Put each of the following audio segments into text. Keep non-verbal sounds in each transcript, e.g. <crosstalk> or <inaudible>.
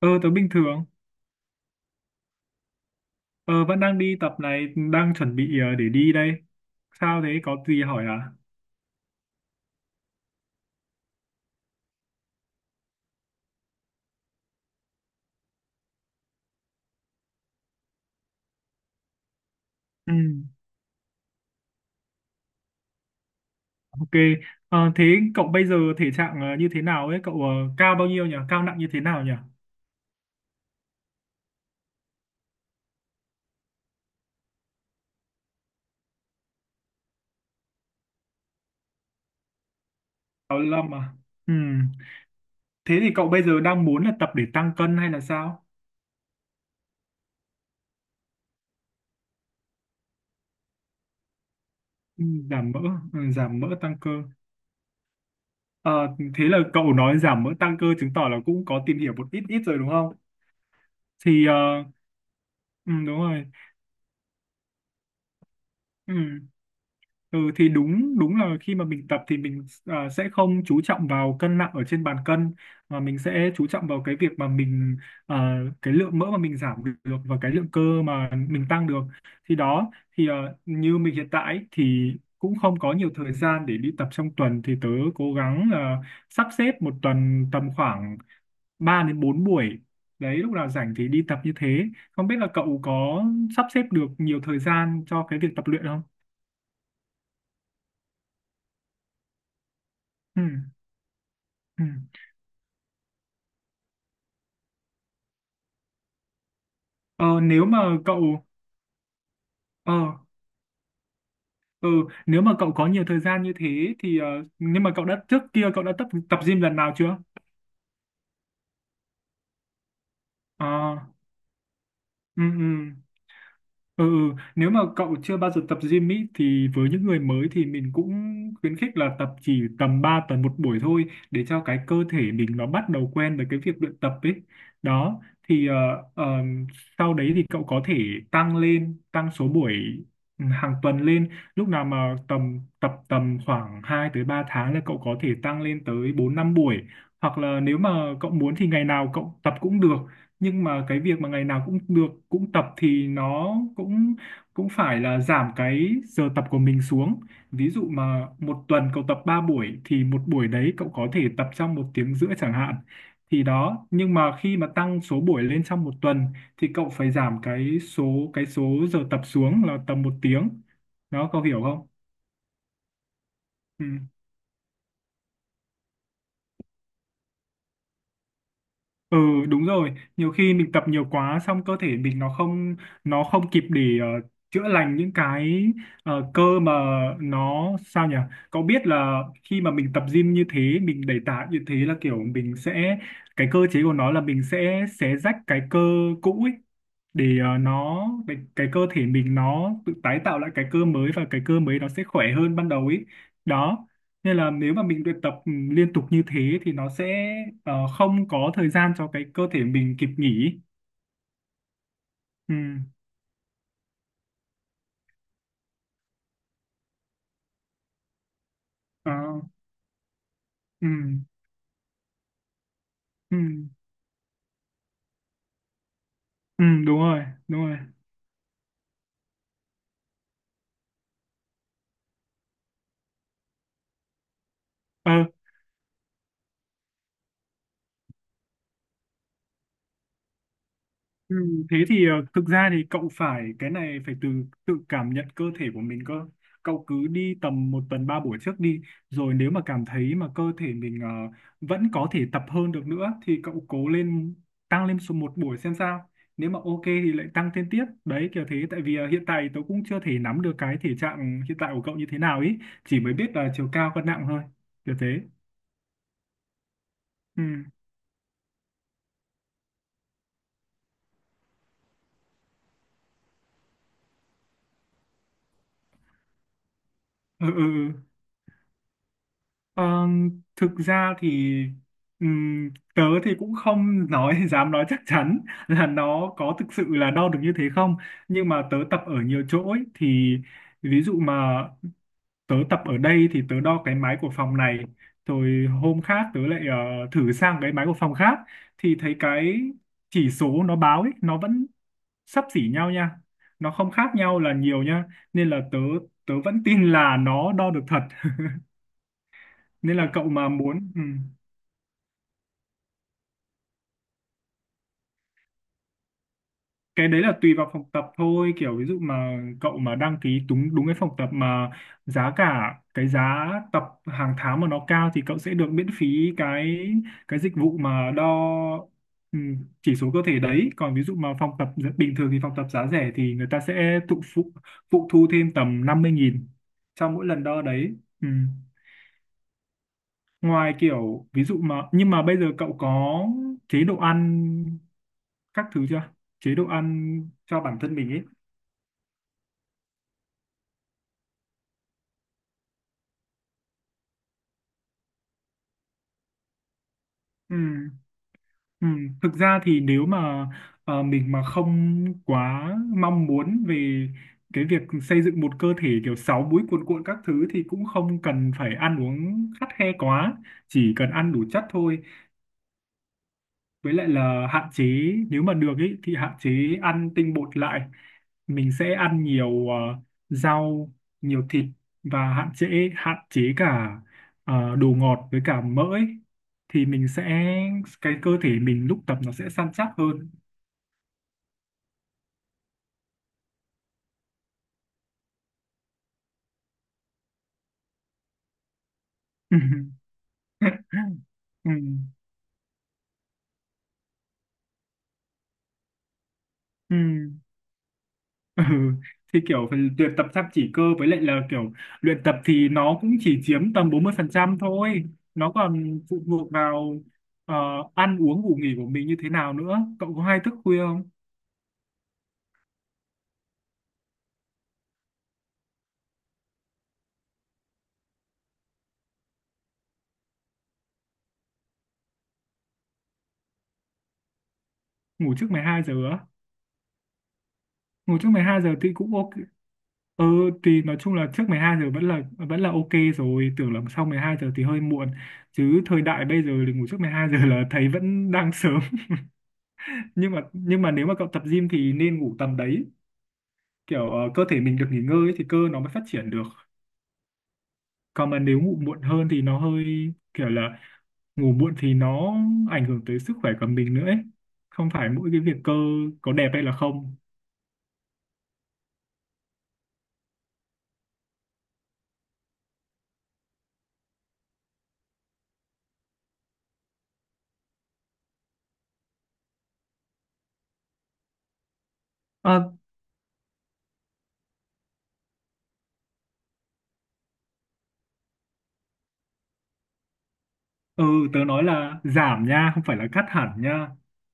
Ờ, tớ bình thường. Ờ, vẫn đang đi tập này. Đang chuẩn bị để đi đây. Sao thế, có gì hỏi à? Ừ. Ok. Ờ. Thế cậu bây giờ thể trạng như thế nào ấy? Cậu cao bao nhiêu nhỉ? Cao nặng như thế nào nhỉ? 65 à? Ừ. Thế thì cậu bây giờ đang muốn là tập để tăng cân hay là sao? Ừ. Giảm mỡ. Ừ. Giảm mỡ tăng cơ. Ờ. Thế là cậu nói giảm mỡ tăng cơ. Chứng tỏ là cũng có tìm hiểu một ít ít rồi đúng không? Thì ờ, ừ, đúng rồi. Ừ. Ừ thì đúng đúng là khi mà mình tập thì mình sẽ không chú trọng vào cân nặng ở trên bàn cân, mà mình sẽ chú trọng vào cái việc mà mình, cái lượng mỡ mà mình giảm được và cái lượng cơ mà mình tăng được, thì đó. thì à, như mình hiện tại ấy, thì cũng không có nhiều thời gian để đi tập trong tuần, thì tớ cố gắng là sắp xếp một tuần tầm khoảng 3 đến 4 buổi đấy, lúc nào rảnh thì đi tập như thế. Không biết là cậu có sắp xếp được nhiều thời gian cho cái việc tập luyện không? Ừ. Ừ. Ờ, nếu mà cậu ờ ừ, Nếu mà cậu có nhiều thời gian như thế thì nhưng mà cậu đã, trước kia cậu đã tập tập gym lần nào chưa? Ờ. Ừ. Ừ. Ừ. Ừ. Nếu mà cậu chưa bao giờ tập gym ý, thì với những người mới thì mình cũng khuyến khích là tập chỉ tầm 3 tuần một buổi thôi, để cho cái cơ thể mình nó bắt đầu quen với cái việc luyện tập ấy. Đó, thì ờ, ờ, sau đấy thì cậu có thể tăng lên, tăng số buổi hàng tuần lên. Lúc nào mà tầm tập tầm khoảng 2 tới 3 tháng là cậu có thể tăng lên tới 4 5 buổi. Hoặc là nếu mà cậu muốn thì ngày nào cậu tập cũng được, nhưng mà cái việc mà ngày nào cũng được cũng tập thì nó cũng cũng phải là giảm cái giờ tập của mình xuống. Ví dụ mà một tuần cậu tập 3 buổi thì một buổi đấy cậu có thể tập trong một tiếng rưỡi chẳng hạn, thì đó. Nhưng mà khi mà tăng số buổi lên trong một tuần thì cậu phải giảm cái số giờ tập xuống là tầm một tiếng. Đó, cậu hiểu không? Ừ. Ừ đúng rồi, nhiều khi mình tập nhiều quá xong cơ thể mình nó không kịp để chữa lành những cái cơ, mà nó sao nhỉ? Cậu biết là khi mà mình tập gym như thế, mình đẩy tạ như thế là kiểu mình sẽ, cái cơ chế của nó là mình sẽ xé rách cái cơ cũ ấy, để ờ, nó để cái cơ thể mình nó tự tái tạo lại cái cơ mới, và cái cơ mới nó sẽ khỏe hơn ban đầu ấy, đó. Nên là nếu mà mình luyện tập liên tục như thế thì nó sẽ không có thời gian cho cái cơ thể mình kịp nghỉ. Ừ. Ờ. Ừ. Ừ. Ừ, đúng rồi, đúng rồi. Ờ. Ừ, thế thì thực ra thì cậu phải, cái này phải từ tự cảm nhận cơ thể của mình cơ. Cậu cứ đi tầm một tuần ba buổi trước đi, rồi nếu mà cảm thấy mà cơ thể mình vẫn có thể tập hơn được nữa thì cậu cố lên, tăng lên số một buổi xem sao. Nếu mà ok thì lại tăng thêm tiếp đấy, kiểu thế. Tại vì hiện tại tớ cũng chưa thể nắm được cái thể trạng hiện tại của cậu như thế nào ý, chỉ mới biết là chiều cao cân nặng thôi, kiểu thế. Ừ. Ừ. Ừ. Ừ. Ờ, thực ra thì ừm, tớ thì cũng không nói <laughs> dám nói chắc chắn là nó có thực sự là đo được như thế không. Nhưng mà tớ tập ở nhiều chỗ ấy, thì ví dụ mà tớ tập ở đây thì tớ đo cái máy của phòng này, rồi hôm khác tớ lại thử sang cái máy của phòng khác, thì thấy cái chỉ số nó báo ấy nó vẫn xấp xỉ nhau nha, nó không khác nhau là nhiều nha, nên là tớ tớ vẫn tin là nó đo được thật. <laughs> Nên là cậu mà muốn. Ừ. Cái đấy là tùy vào phòng tập thôi, kiểu ví dụ mà cậu mà đăng ký đúng đúng cái phòng tập mà giá cả, cái giá tập hàng tháng mà nó cao, thì cậu sẽ được miễn phí cái cái dịch vụ mà đo ừ, chỉ số cơ thể đấy. Còn ví dụ mà phòng tập bình thường thì phòng tập giá rẻ thì người ta sẽ thụ phụ phụ thu thêm tầm 50.000 cho mỗi lần đo đấy. Ừ. Ngoài kiểu ví dụ mà, nhưng mà bây giờ cậu có chế độ ăn các thứ chưa? Chế độ ăn cho bản thân mình ấy. Ừ. Ừ. Thực ra thì nếu mà mình mà không quá mong muốn về cái việc xây dựng một cơ thể kiểu sáu múi cuồn cuộn các thứ, thì cũng không cần phải ăn uống khắt khe quá, chỉ cần ăn đủ chất thôi, với lại là hạn chế. Nếu mà được ý, thì hạn chế ăn tinh bột lại, mình sẽ ăn nhiều rau, nhiều thịt, và hạn chế cả đồ ngọt với cả mỡ ấy. Thì mình sẽ, cái cơ thể mình lúc tập nó sẽ săn chắc hơn. <laughs> Ừ. Ừ. <laughs> Ừ, thì kiểu phần luyện tập chăm chỉ cơ, với lại là kiểu luyện tập thì nó cũng chỉ chiếm tầm 40% thôi, nó còn phụ thuộc vào ờ, ăn uống ngủ nghỉ của mình như thế nào nữa. Cậu có hay thức khuya không? Ngủ trước 12 giờ á? Ngủ trước mười hai giờ thì cũng ok. Ừ, thì nói chung là trước 12 giờ vẫn là ok, rồi tưởng là sau 12 giờ thì hơi muộn, chứ thời đại bây giờ thì ngủ trước 12 giờ là thấy vẫn đang sớm. <laughs> Nhưng mà nếu mà cậu tập gym thì nên ngủ tầm đấy, kiểu cơ thể mình được nghỉ ngơi ấy thì cơ nó mới phát triển được. Còn mà nếu ngủ muộn hơn thì nó hơi, kiểu là, ngủ muộn thì nó ảnh hưởng tới sức khỏe của mình nữa ấy, không phải mỗi cái việc cơ có đẹp hay là không. Ừ, tớ nói là giảm nha, không phải là cắt hẳn nha.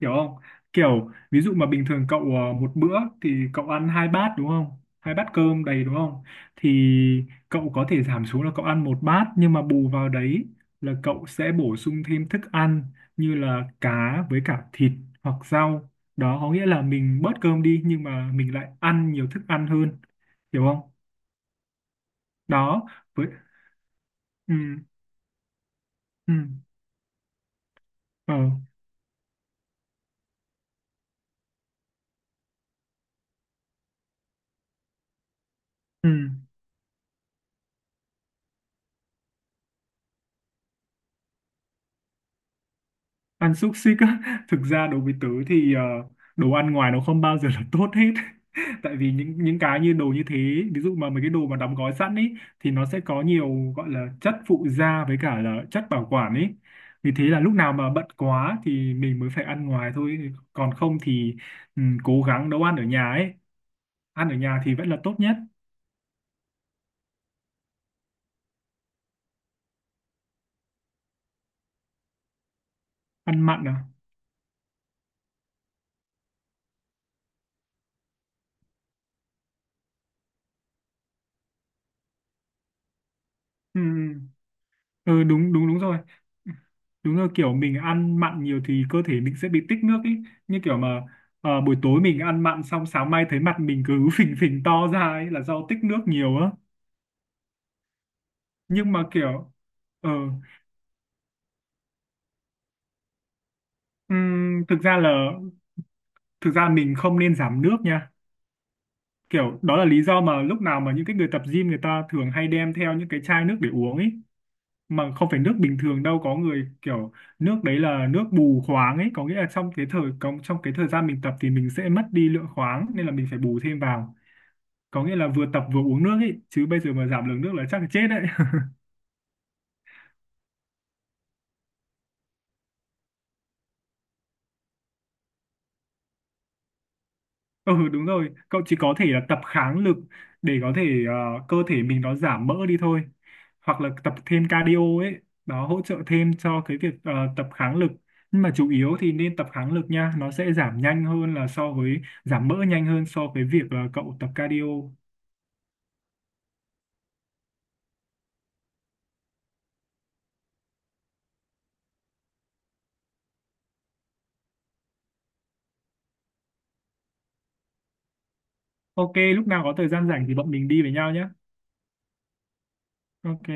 Hiểu không? Kiểu, ví dụ mà bình thường cậu một bữa thì cậu ăn hai bát đúng không? Hai bát cơm đầy đúng không? Thì cậu có thể giảm xuống là cậu ăn một bát, nhưng mà bù vào đấy là cậu sẽ bổ sung thêm thức ăn như là cá với cả thịt hoặc rau. Đó có nghĩa là mình bớt cơm đi, nhưng mà mình lại ăn nhiều thức ăn hơn. Hiểu không? Đó. Với... Ừ. Ừ. Ờ. Ừ. Ăn xúc xích á? <laughs> Thực ra đối với tớ thì đồ ăn ngoài nó không bao giờ là tốt hết. <laughs> Tại vì những cái như đồ như thế, ví dụ mà mấy cái đồ mà đóng gói sẵn ấy thì nó sẽ có nhiều gọi là chất phụ gia với cả là chất bảo quản ấy, vì thế là lúc nào mà bận quá thì mình mới phải ăn ngoài thôi, còn không thì cố gắng nấu ăn ở nhà ấy. Ăn ở nhà thì vẫn là tốt nhất. Ăn mặn à? Ừ. Ừ. Ừ đúng đúng đúng rồi, đúng rồi, kiểu mình ăn mặn nhiều thì cơ thể mình sẽ bị tích nước ấy. Như kiểu mà buổi tối mình ăn mặn xong sáng mai thấy mặt mình cứ <laughs> phình phình to ra ấy là do tích nước nhiều á. Nhưng mà kiểu ờ ừm, thực ra là thực ra mình không nên giảm nước nha. Kiểu đó là lý do mà lúc nào mà những cái người tập gym người ta thường hay đem theo những cái chai nước để uống ấy, mà không phải nước bình thường đâu, có người kiểu, nước đấy là nước bù khoáng ấy, có nghĩa là trong cái thời gian mình tập thì mình sẽ mất đi lượng khoáng, nên là mình phải bù thêm vào. Có nghĩa là vừa tập vừa uống nước ấy, chứ bây giờ mà giảm lượng nước là chắc là chết đấy. Ừ đúng rồi, cậu chỉ có thể là tập kháng lực để có thể cơ thể mình nó giảm mỡ đi thôi. Hoặc là tập thêm cardio ấy, nó hỗ trợ thêm cho cái việc tập kháng lực. Nhưng mà chủ yếu thì nên tập kháng lực nha, nó sẽ giảm nhanh hơn là so với, giảm mỡ nhanh hơn so với việc là cậu tập cardio. Ok, lúc nào có thời gian rảnh thì bọn mình đi với nhau nhé. Ok,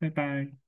bye bye.